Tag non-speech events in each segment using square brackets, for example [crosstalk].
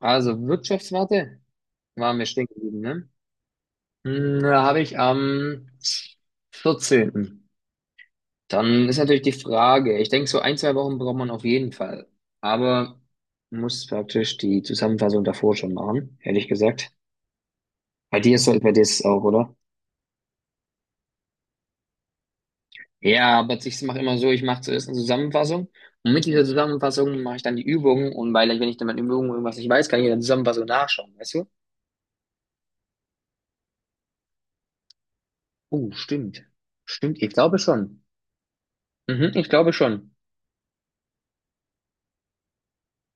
Also Wirtschaftswarte waren wir stehen geblieben, ne? Da habe ich am 14. Dann ist natürlich die Frage, ich denke, so ein, zwei Wochen braucht man auf jeden Fall. Aber muss praktisch die Zusammenfassung davor schon machen, ehrlich gesagt. Bei dir ist so, bei dir ist es auch, oder? Ja, aber ich mache immer so, ich mache zuerst eine Zusammenfassung und mit dieser Zusammenfassung mache ich dann die Übungen und weil ich, wenn ich dann meine Übungen irgendwas nicht weiß, kann ich in der Zusammenfassung nachschauen, weißt du? Oh, stimmt. Stimmt, ich glaube schon. Mhm, ich glaube schon.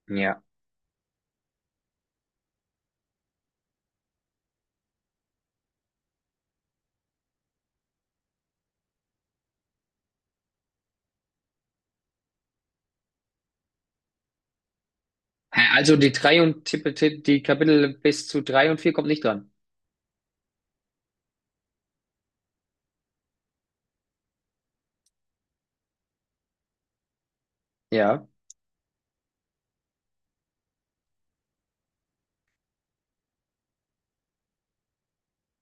Ja. Hä, also die drei und die Kapitel bis zu drei und vier kommt nicht dran. Ja,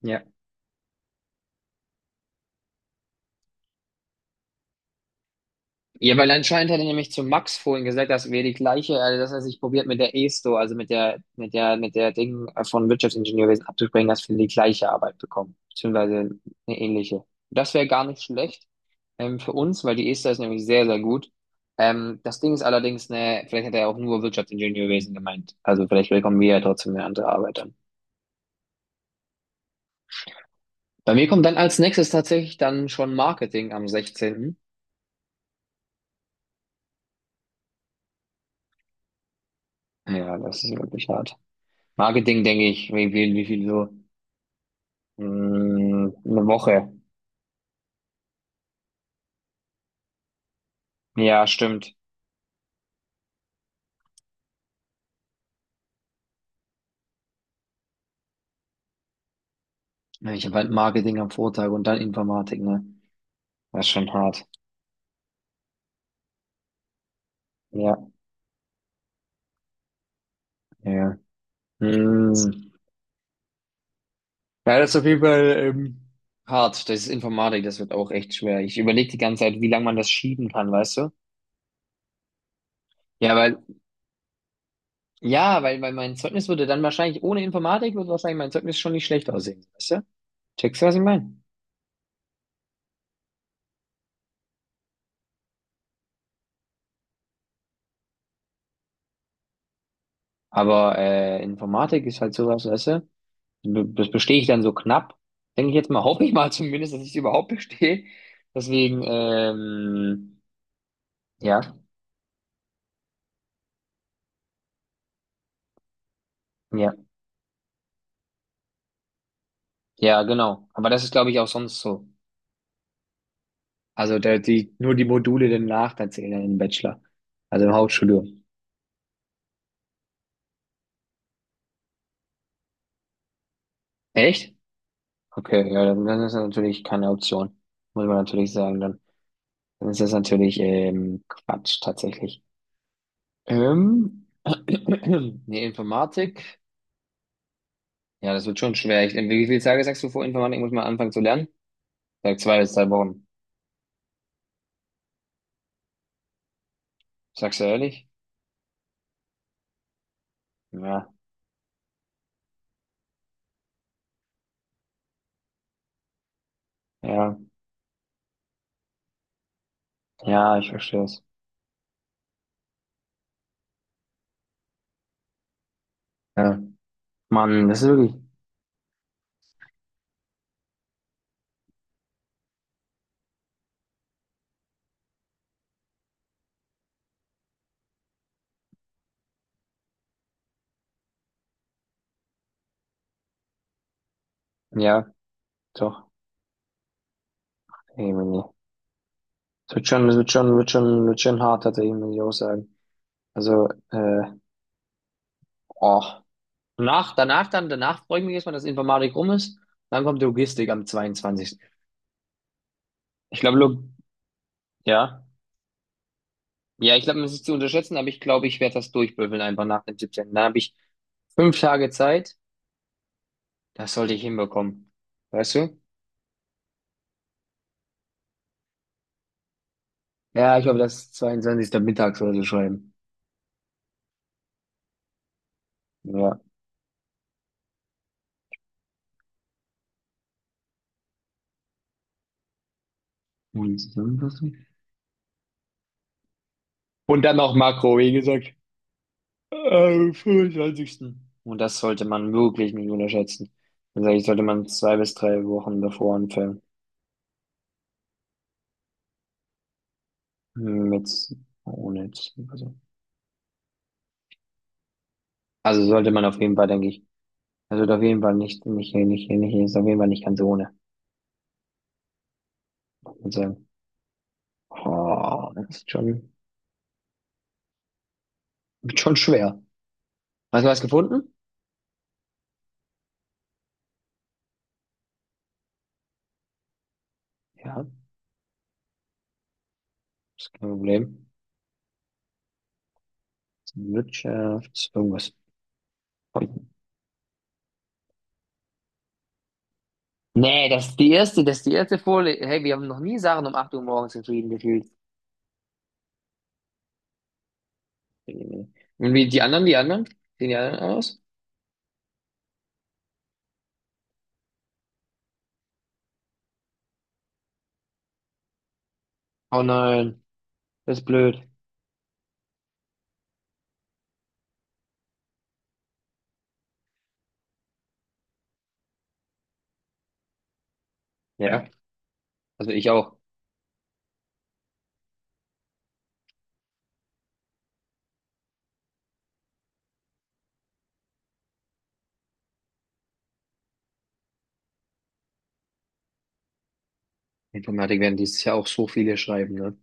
ja. Ja, weil anscheinend hat er nämlich zu Max vorhin gesagt, dass wir die gleiche, also dass er sich probiert mit der ESTO, also mit der Ding von Wirtschaftsingenieurwesen abzubringen, dass wir die gleiche Arbeit bekommen, beziehungsweise eine ähnliche. Das wäre gar nicht schlecht für uns, weil die ESTO ist nämlich sehr, sehr gut. Das Ding ist allerdings, ne, vielleicht hat er auch nur Wirtschaftsingenieurwesen gemeint. Also vielleicht bekommen wir ja trotzdem eine andere Arbeit. Bei mir kommt dann als nächstes tatsächlich dann schon Marketing am sechzehnten. Ja, das ist wirklich hart. Marketing, denke ich, wie viel so? Eine Woche. Ja, stimmt. Ich habe halt Marketing am Vortag und dann Informatik, ne? Das ist schon hart. Ja, ja. Mm. Ja, das ist auf jeden Fall hart. Das ist Informatik, das wird auch echt schwer. Ich überlege die ganze Zeit, wie lange man das schieben kann, weißt du? Ja, weil, ja, weil, weil mein Zeugnis würde dann wahrscheinlich, ohne Informatik würde wahrscheinlich mein Zeugnis schon nicht schlecht aussehen, weißt du? Checkst du, was ich meine? Aber Informatik ist halt sowas, weißt du? Das bestehe ich dann so knapp. Denke ich jetzt mal, [laughs] hoffe ich mal zumindest, dass ich es überhaupt bestehe. Deswegen, ähm, ja, ja, ja, genau. Aber das ist, glaube ich, auch sonst so. Also da, die, nur die Module danach, da zählen dann im Bachelor. Also im Hauptstudium. Echt? Okay, ja, dann, dann ist das natürlich keine Option. Muss man natürlich sagen, dann, dann ist das natürlich Quatsch tatsächlich. Ähm, [clears throat] nee, Informatik. Ja, das wird schon schwer. Ich, wie viele Tage sagst du vor Informatik muss man anfangen zu lernen? Sag zwei bis drei Wochen. Sagst du ehrlich? Ja, ja, ja, ich verstehe es. Ja. Mann, das ist wirklich, ja, doch, irgendwie. Es wird schon, wird schon, wird schon hart, tatsächlich, muss ich auch sagen. Also, oh. Nach, danach dann, danach freue ich mich erstmal, dass Informatik rum ist. Dann kommt Logistik am 22. Ich glaube, Log ja. Ja, ich glaube, das ist zu unterschätzen, aber ich glaube, ich werde das durchbüffeln einfach nach dem 17. Dann habe ich fünf Tage Zeit. Das sollte ich hinbekommen. Weißt du? Ja, ich glaube, das ist 22. mittags oder so schreiben. Ja. Und zusammenfassen. Und dann noch Makro, wie gesagt, am 25. Und das sollte man wirklich nicht unterschätzen. Also ich sollte man zwei bis drei Wochen davor anfangen. Mit, ohne, also, also sollte man auf jeden Fall, denke ich. Also auf jeden Fall nicht, nicht, nicht, nicht, ist auf jeden Fall nicht ganz ohne. Und sagen, oh, das ist schon, wird schon schwer. Hast du was gefunden? Ja, ist kein Problem. Wirtschafts, irgendwas. Nee, das ist die erste, das ist die erste Folie. Hey, wir haben noch nie Sachen um 8 Uhr morgens geschrieben, gefühlt. Und wie die anderen, die anderen? Sehen die anderen aus? Oh nein, das ist blöd. Ja, also ich auch. Informatik werden dieses Jahr auch so viele schreiben, ne?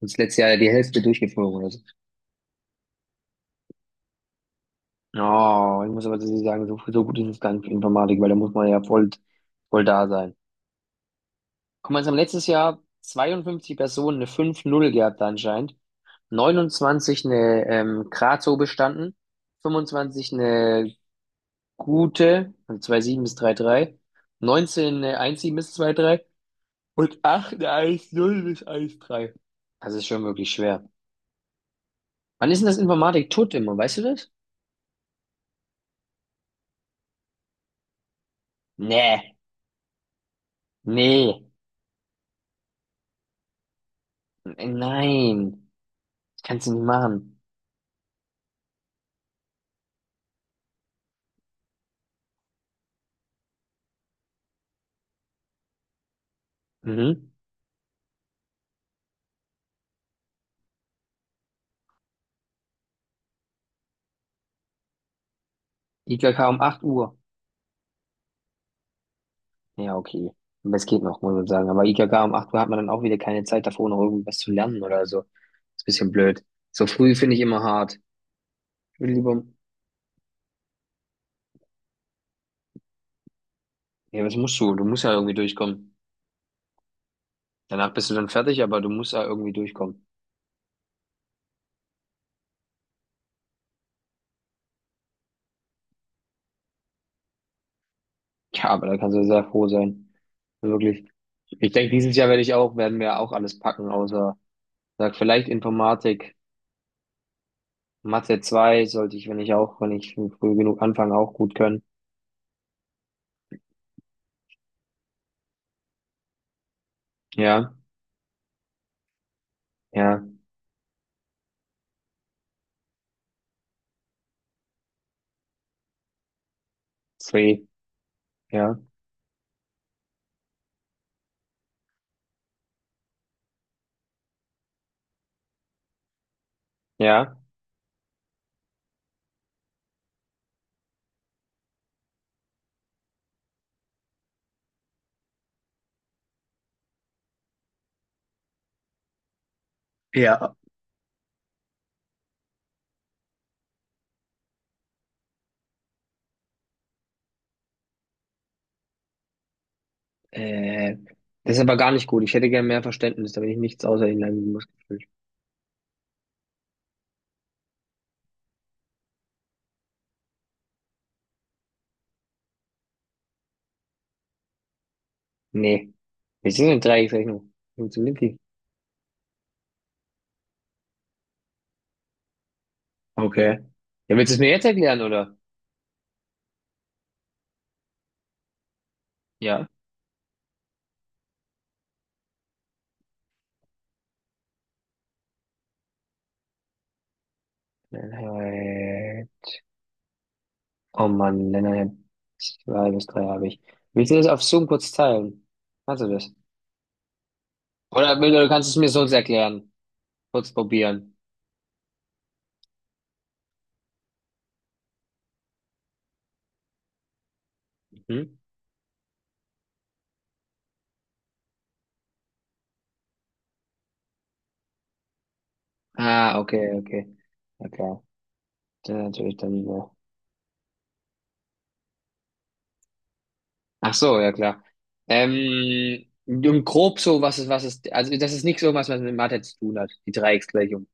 Und das letzte Jahr die Hälfte durchgeflogen ist. Oh, ich muss aber tatsächlich sagen, so, so gut ist es gar nicht für Informatik, weil da muss man ja voll, voll da sein. Guck mal, es haben letztes Jahr 52 Personen eine 5,0 gehabt anscheinend, 29 eine Grazo bestanden, 25 eine gute, also 2,7 bis 3,3, 19 eine 1,7 bis 2,3 und 8 eine 1,0 bis 1,3. Das ist schon wirklich schwer. Wann ist denn das Informatik tot immer, weißt du das? Nee, nee, nein, das kannst du nicht machen. Mhm. IKK um 8 Uhr. Ja, okay. Aber es geht noch, muss man sagen. Aber IKK um 8 Uhr hat man dann auch wieder keine Zeit davor, noch irgendwas zu lernen oder so. Ist ein bisschen blöd. So früh finde ich immer hart. Ich will lieber, ja, was musst du? Du musst ja irgendwie durchkommen. Danach bist du dann fertig, aber du musst ja irgendwie durchkommen. Ja, aber da kannst du sehr froh sein. Wirklich. Ich denke, dieses Jahr werde ich auch, werden wir auch alles packen, außer, sag, vielleicht Informatik. Mathe 2 sollte ich, wenn ich auch, wenn ich früh genug anfange, auch gut können. Ja, ja, zwei, ja, ja. Ja, Äh, das ist aber gar nicht gut. Ich hätte gern mehr Verständnis, damit ich nichts außer ihnen Lernen langen Muskeln. Nee. Wir sind in Dreiecksrechnung. Funktioniert die? Okay. Ja, willst du es mir jetzt erklären, oder? Ja. Äh, oh Mann, Lennart, zwei bis drei habe ich. Willst du das auf Zoom kurz teilen? Kannst du das? Oder, oder kannst du es mir sonst erklären? Kurz probieren. Hm? Ah, okay, okay. Ja klar. Das ist natürlich dann. Ja. Ach so, ja klar. Und grob so, was ist, also das ist nichts irgendwas, was mit Mathe zu tun hat, die Dreiecksgleichung.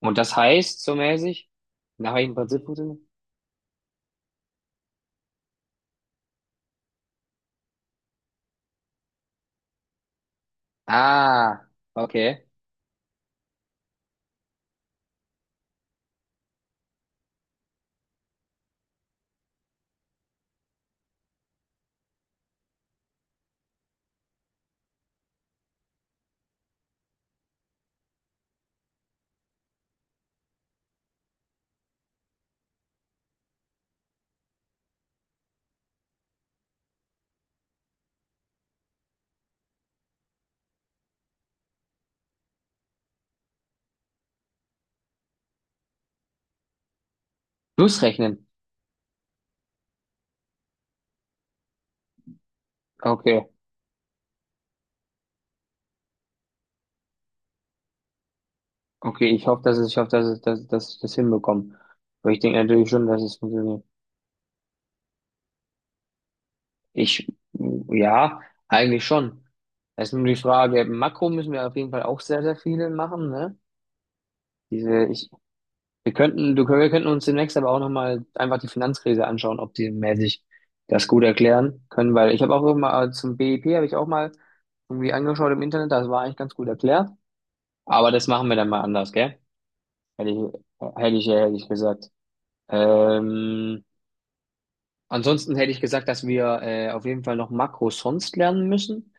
Und das heißt, so mäßig, nach welchem Prinzip funktioniert? Ah, okay. Schlussrechnen. Okay, okay, ich hoffe, dass es, ich hoffe, dass es, dass, dass ich das hinbekomme. Aber ich denke natürlich schon, dass es funktioniert. Ich, ja, eigentlich schon. Das ist nur die Frage, Makro müssen wir auf jeden Fall auch sehr, sehr viele machen, ne? Diese, ich, wir könnten, du, wir könnten uns demnächst aber auch nochmal einfach die Finanzkrise anschauen, ob die mäßig das gut erklären können, weil ich habe auch immer zum BIP habe ich auch mal irgendwie angeschaut im Internet, das war eigentlich ganz gut erklärt. Aber das machen wir dann mal anders, gell? Hätte ich, hätte ich, hätte ich gesagt. Ähm, ansonsten hätte ich gesagt, dass wir auf jeden Fall noch Makro sonst lernen müssen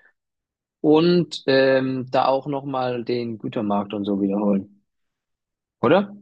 und da auch nochmal den Gütermarkt und so wiederholen, oder?